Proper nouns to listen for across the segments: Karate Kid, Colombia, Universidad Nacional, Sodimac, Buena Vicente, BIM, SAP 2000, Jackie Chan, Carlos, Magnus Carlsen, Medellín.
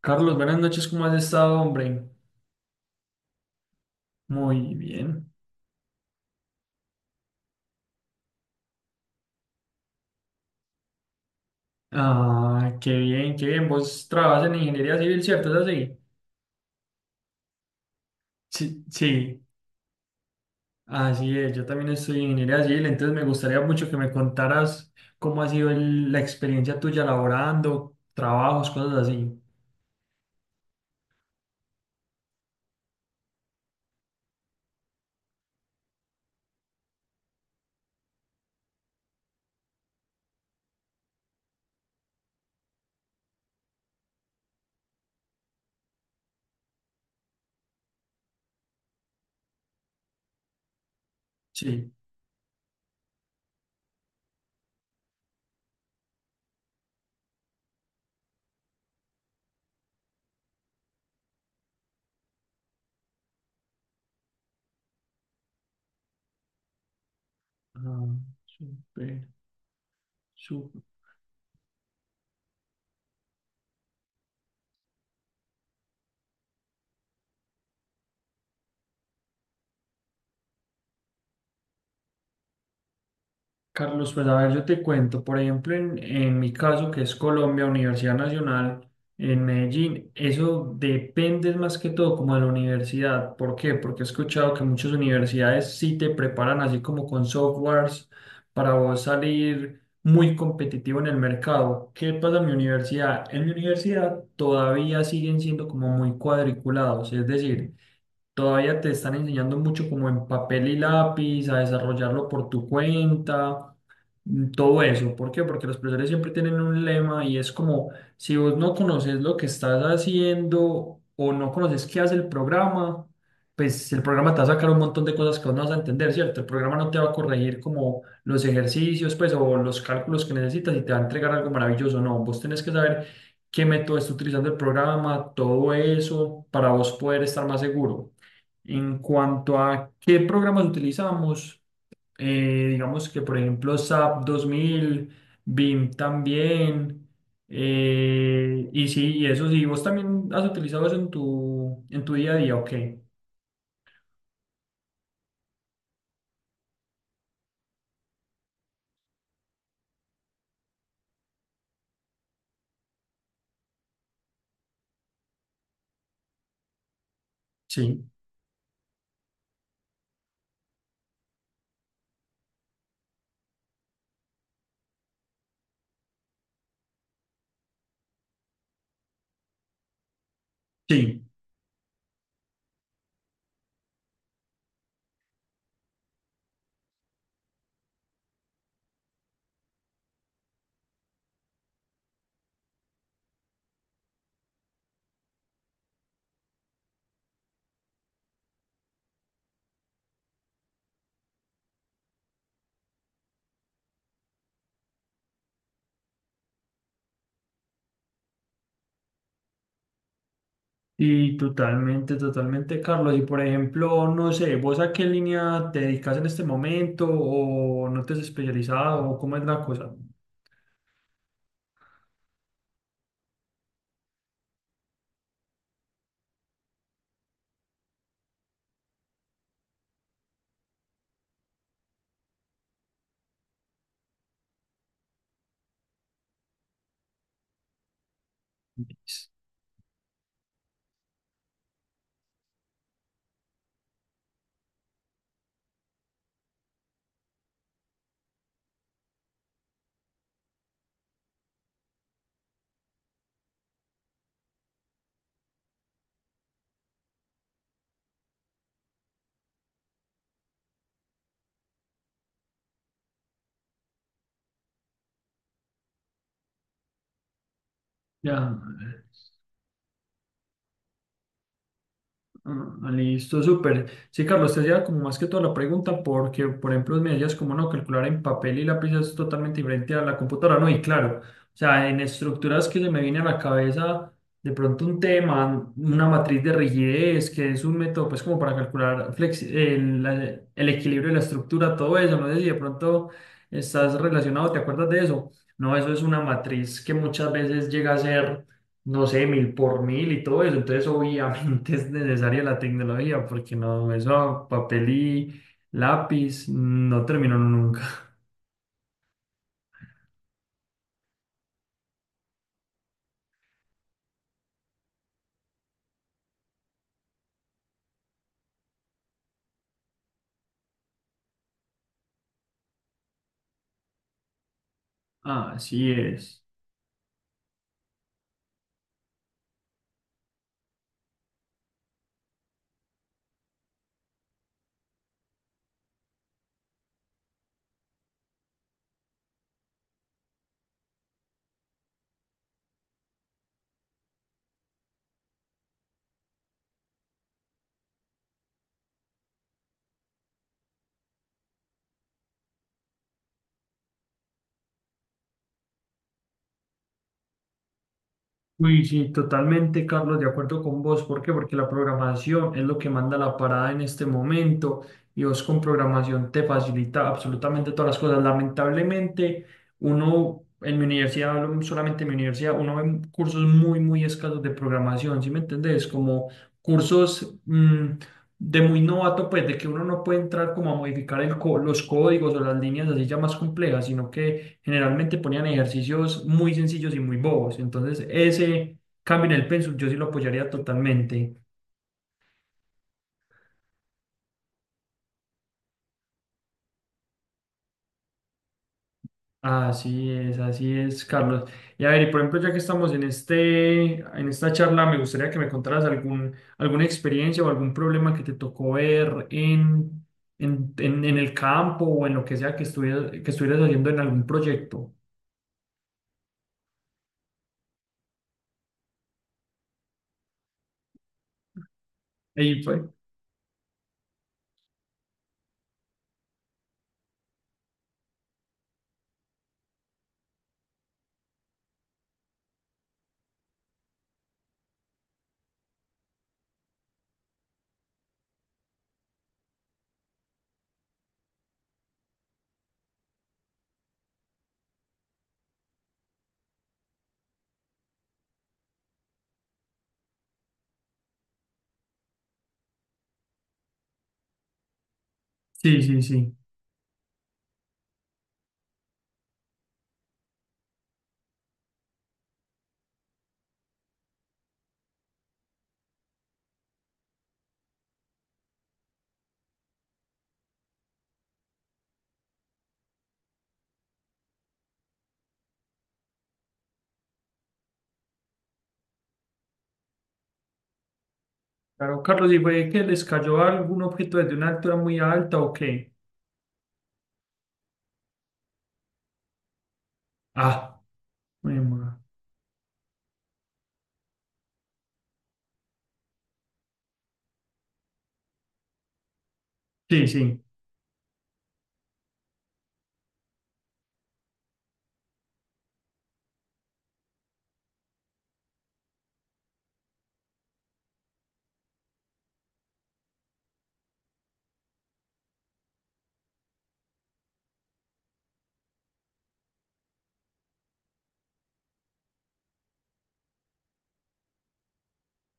Carlos, buenas noches, ¿cómo has estado, hombre? Muy bien. Ah, qué bien, qué bien. Vos trabajas en ingeniería civil, ¿cierto? ¿Es así? Sí, sí, así es. Yo también estoy en ingeniería civil, entonces me gustaría mucho que me contaras cómo ha sido la experiencia tuya laborando, trabajos, cosas así. Sí. Ah, súper, súper. Carlos, pues a ver, yo te cuento, por ejemplo, en mi caso, que es Colombia, Universidad Nacional, en Medellín, eso depende más que todo como de la universidad. ¿Por qué? Porque he escuchado que muchas universidades sí te preparan así como con softwares para vos salir muy competitivo en el mercado. ¿Qué pasa en mi universidad? En mi universidad todavía siguen siendo como muy cuadriculados, es decir, todavía te están enseñando mucho como en papel y lápiz, a desarrollarlo por tu cuenta, todo eso. ¿Por qué? Porque los profesores siempre tienen un lema y es como, si vos no conoces lo que estás haciendo o no conoces qué hace el programa, pues el programa te va a sacar un montón de cosas que vos no vas a entender, ¿cierto? El programa no te va a corregir como los ejercicios, pues, o los cálculos que necesitas y te va a entregar algo maravilloso. No, vos tenés que saber qué método está utilizando el programa, todo eso, para vos poder estar más seguro. En cuanto a qué programas utilizamos, digamos que por ejemplo SAP 2000, BIM también, y sí, y eso sí, vos también has utilizado eso en tu día a día, ok, sí, sí, y totalmente, totalmente, Carlos, y por ejemplo, no sé, vos a qué línea te dedicas en este momento o no te has especializado o cómo es la cosa. Ya. Ah, listo, súper. Sí, Carlos, te hacía como más que toda la pregunta porque, por ejemplo, me decías como no, calcular en papel y lápiz es totalmente diferente a la computadora, ¿no? Y claro, o sea, en estructuras que se me viene a la cabeza de pronto un tema, una matriz de rigidez, que es un método pues como para calcular el, el equilibrio de la estructura, todo eso, no sé si de pronto estás relacionado, ¿te acuerdas de eso? No, eso es una matriz que muchas veces llega a ser no sé, mil por mil y todo eso. Entonces, obviamente es necesaria la tecnología porque no, eso papel y lápiz no terminó nunca. Así es. Uy, sí, totalmente, Carlos, de acuerdo con vos. ¿Por qué? Porque la programación es lo que manda la parada en este momento y vos con programación te facilita absolutamente todas las cosas. Lamentablemente, uno en mi universidad, hablo solamente en mi universidad, uno ve cursos muy, muy escasos de programación, ¿sí me entendés? Como cursos de muy novato, pues de que uno no puede entrar como a modificar los códigos o las líneas así ya más complejas, sino que generalmente ponían ejercicios muy sencillos y muy bobos. Entonces, ese cambio en el pensum yo sí lo apoyaría totalmente. Así es, Carlos. Y a ver, y por ejemplo, ya que estamos en esta charla, me gustaría que me contaras algún, alguna experiencia o algún problema que te tocó ver en el campo o en lo que sea que estuvieras haciendo en algún proyecto. Ahí fue. Sí, sí, sí. Claro, Carlos, ¿y fue que les cayó algún objeto desde una altura muy alta o qué? Ah. Joder, ma. Sí, sí.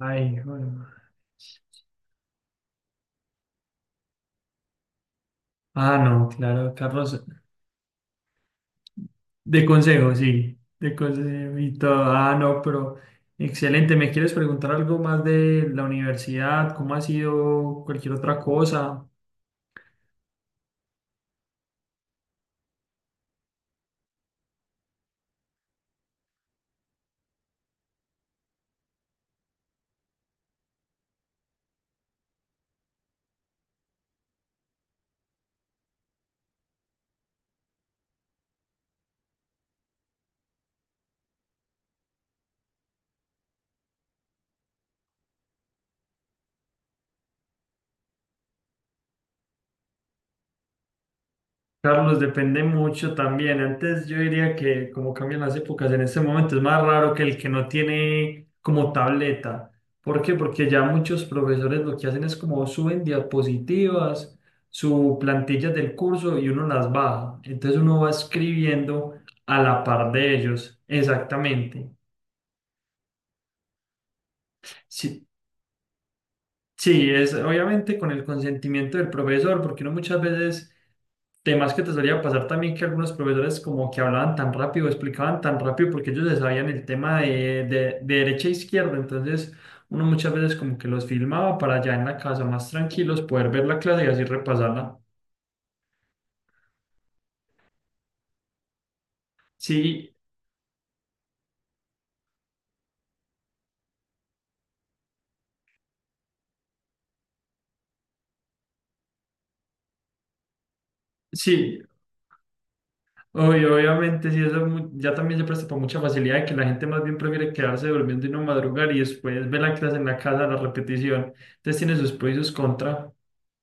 Ay, joder, ma. Ah, no, claro, Carlos. De consejo, sí. De consejo y todo. Ah, no, pero excelente. ¿Me quieres preguntar algo más de la universidad? ¿Cómo ha sido cualquier otra cosa? Carlos, depende mucho también. Antes yo diría que como cambian las épocas, en este momento es más raro que el que no tiene como tableta. ¿Por qué? Porque ya muchos profesores lo que hacen es como suben diapositivas, su plantillas del curso y uno las baja. Entonces uno va escribiendo a la par de ellos. Exactamente. Si- Sí, es obviamente con el consentimiento del profesor, porque uno muchas veces, temas que te solía pasar también que algunos profesores como que hablaban tan rápido, explicaban tan rápido, porque ellos se sabían el tema de derecha e izquierda, entonces uno muchas veces como que los filmaba para allá en la casa más tranquilos, poder ver la clase y así repasarla. Sí, sí, obvio, obviamente, sí, eso es ya también se presta para mucha facilidad de que la gente más bien prefiere quedarse durmiendo y no madrugar y después ver la clase en la casa, la repetición. Entonces tiene sus pros y sus contras.